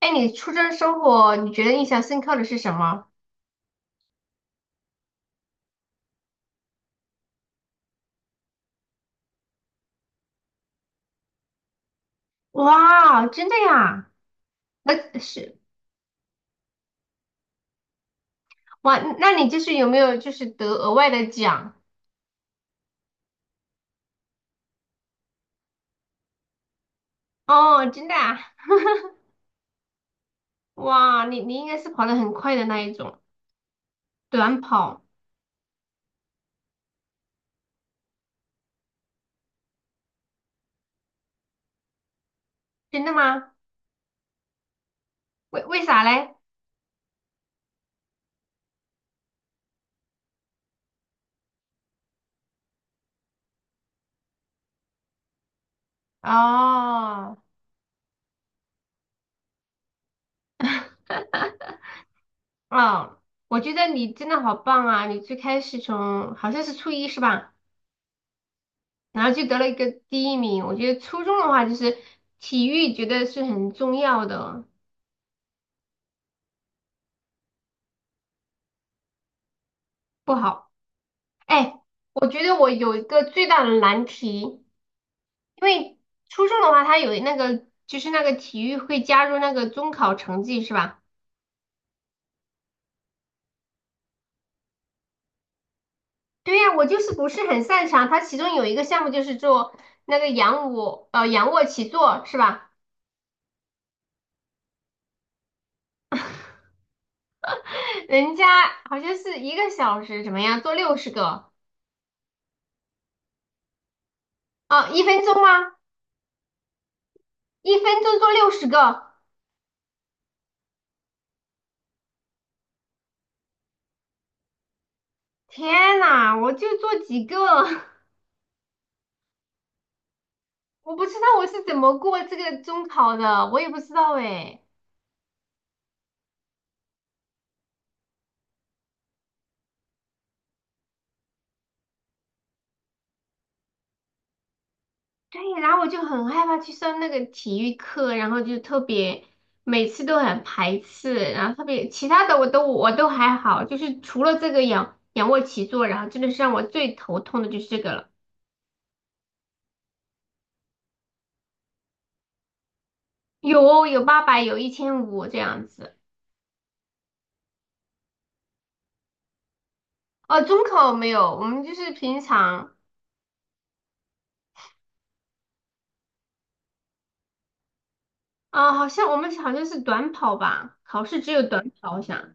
哎，你初中生活，你觉得印象深刻的是什么？哇，真的呀？那是。哇，那你就是有没有就是得额外的奖？哦，真的啊？哇，你应该是跑得很快的那一种。短跑。真的吗？为啥嘞？哦。哦，我觉得你真的好棒啊！你最开始从好像是初一是吧？然后就得了一个第一名。我觉得初中的话，就是体育觉得是很重要的。不好。哎，我觉得我有一个最大的难题，因为初中的话，它有那个就是那个体育会加入那个中考成绩是吧？对呀，我就是不是很擅长。它其中有一个项目就是做那个仰卧起坐是吧？人家好像是1个小时怎么样做六十个。哦，一分钟吗？一分钟做六十个。天呐，我就做几个，我不知道我是怎么过这个中考的，我也不知道哎。对，然后我就很害怕去上那个体育课，然后就特别每次都很排斥，然后特别其他的我都还好，就是除了这个仰卧起坐，然后真的是让我最头痛的就是这个了。有哦，有800，有1500这样子。哦，中考没有，我们就是平常。啊，好像我们好像是短跑吧，考试只有短跑，我想。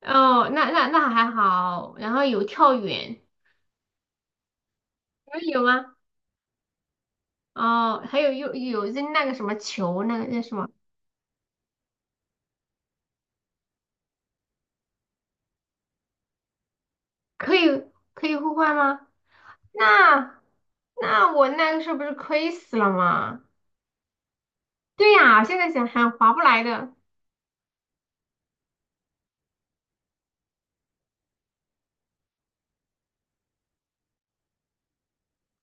哦，那还好，然后有跳远。你们有吗？哦，还有扔那个什么球，那个那什么？可以可以互换吗？那那我那个时候不是亏死了吗？对呀，现在想还划不来的。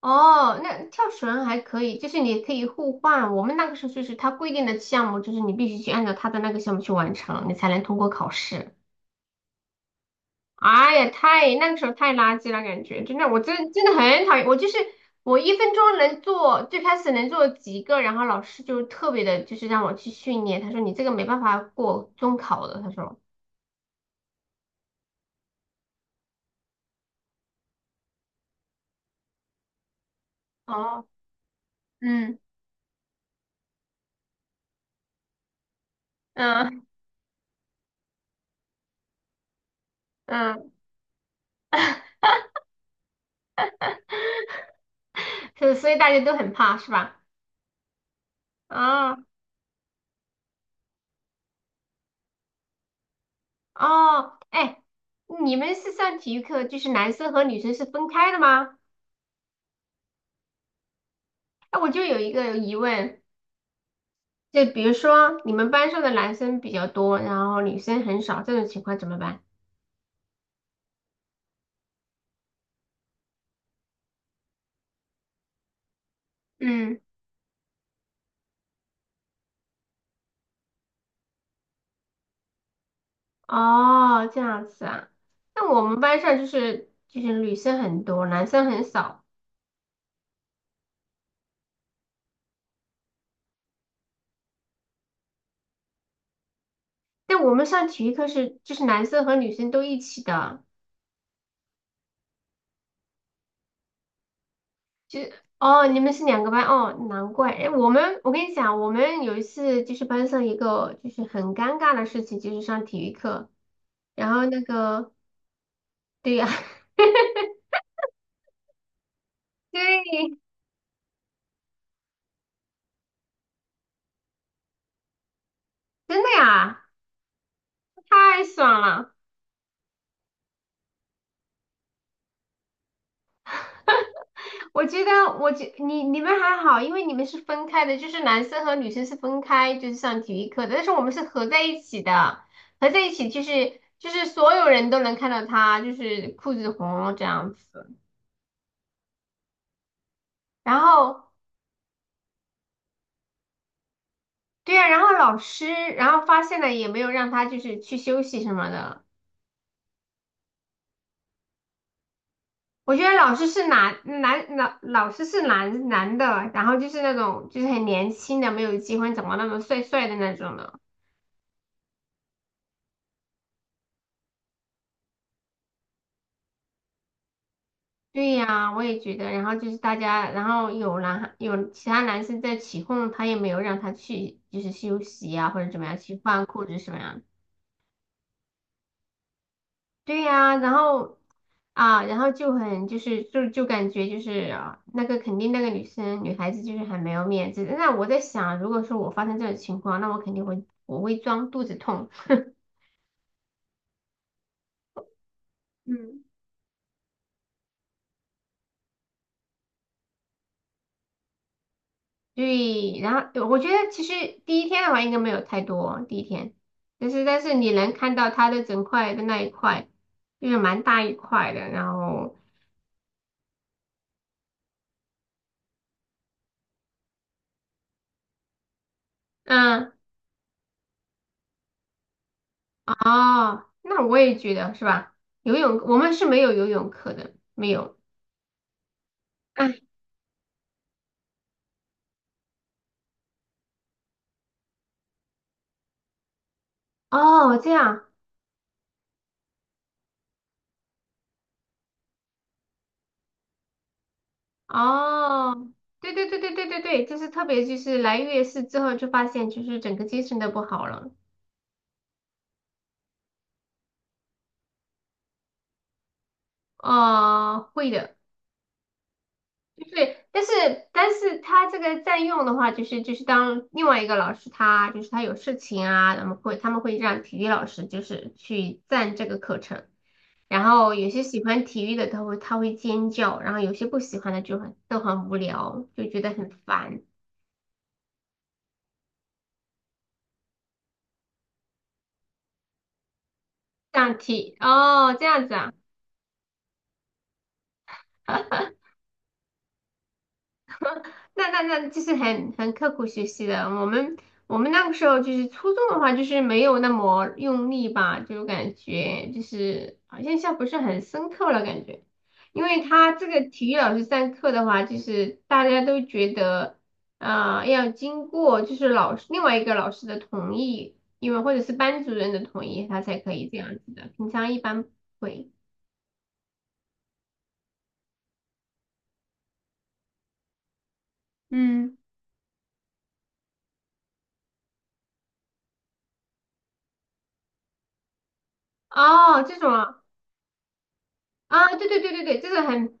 哦，那跳绳还可以，就是你可以互换。我们那个时候就是他规定的项目，就是你必须去按照他的那个项目去完成，你才能通过考试。哎呀，那个时候太垃圾了，感觉真的，我真的很讨厌。我就是我一分钟能做，最开始能做几个，然后老师就特别的，就是让我去训练。他说你这个没办法过中考的，他说。哦。嗯嗯嗯，所以大家都很怕是吧？啊。哦，哎，你们是上体育课，就是男生和女生是分开的吗？哎，我就有一个疑问。就比如说，你们班上的男生比较多，然后女生很少，这种情况怎么办？嗯。哦，这样子啊。那我们班上就是女生很多，男生很少。但我们上体育课是就是男生和女生都一起的。哦，你们是两个班哦，难怪。哎，我跟你讲，我们有一次就是班上一个就是很尴尬的事情，就是上体育课，然后那个对呀。对，真的呀，太爽了。我觉得，你们还好，因为你们是分开的，就是男生和女生是分开，就是上体育课的，但是我们是合在一起的，合在一起就是所有人都能看到他，就是裤子红这样子。然后对呀，然后老师，然后发现了也没有让他就是去休息什么的。我觉得老师是男老师是男的，然后就是那种就是很年轻的，没有结婚，长得那么帅帅的那种的。对呀，我也觉得。然后就是大家，然后有其他男生在起哄，他也没有让他去，就是休息呀，或者怎么样去换裤子什么样。对呀，然后啊，然后就很就是就感觉就是啊那个肯定那个女孩子就是很没有面子。那我在想，如果说我发生这种情况，那我肯定会装肚子痛。嗯，对，然后我觉得其实第一天的话应该没有太多，第一天，但是你能看到它的整块的那一块，就是蛮大一块的。然后，嗯。哦，那我也觉得是吧？游泳我们是没有游泳课的，没有。哎。哦，这样。哦，对对对对对对对，就是特别就是来月事之后就发现就是整个精神都不好了。哦，会的。对，但是他这个占用的话，就是当另外一个老师他就是他有事情啊，他们会让体育老师就是去占这个课程，然后有些喜欢体育的他会尖叫，然后有些不喜欢的就很都很无聊，就觉得很烦。这样体哦，这样子啊。那就是很刻苦学习的。我们那个时候就是初中的话，就是没有那么用力吧，就感觉就是好像印象不是很深刻了感觉。因为他这个体育老师上课的话，就是大家都觉得，要经过就是另外一个老师的同意，因为或者是班主任的同意，他才可以这样子的。平常一般不会。嗯。哦，这种啊。啊，对对对对对，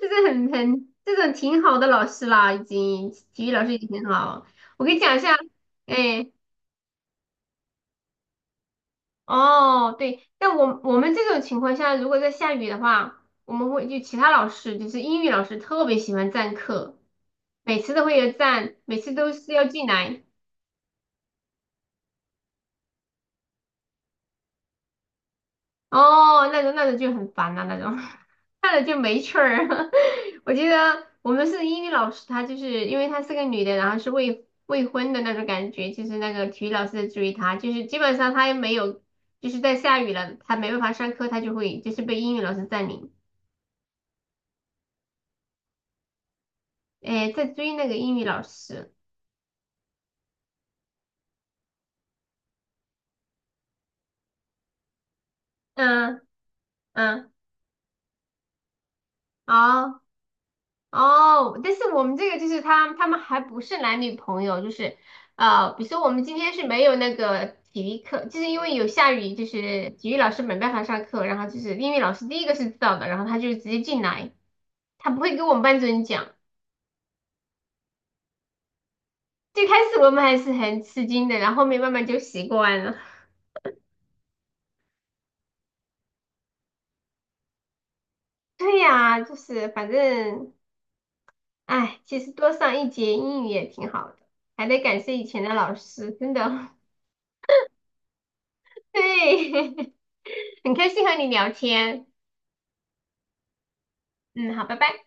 这是很这种挺好的老师啦，已经体育老师已经很好。我给你讲一下，哎。哦，对，但我们这种情况下，如果在下雨的话，我们会就其他老师，就是英语老师特别喜欢占课，每次都会有占，每次都是要进来。哦，那种就很烦啊，那种。看了就没趣儿。我记得我们是英语老师，她就是因为她是个女的，然后是未婚的那种感觉，就是那个体育老师在追她，就是基本上她也没有，就是在下雨了，她没办法上课，她就会就是被英语老师占领。哎，在追那个英语老师。嗯嗯。好。哦，但是我们这个就是他们还不是男女朋友，就是比如说我们今天是没有那个体育课，就是因为有下雨，就是体育老师没办法上课，然后就是英语老师第一个是知道的，然后他就直接进来，他不会跟我们班主任讲。最开始我们还是很吃惊的，然后后面慢慢就习惯了。对呀，就是反正，哎，其实多上一节英语也挺好的，还得感谢以前的老师，真的。对。很开心和你聊天。嗯，好，拜拜。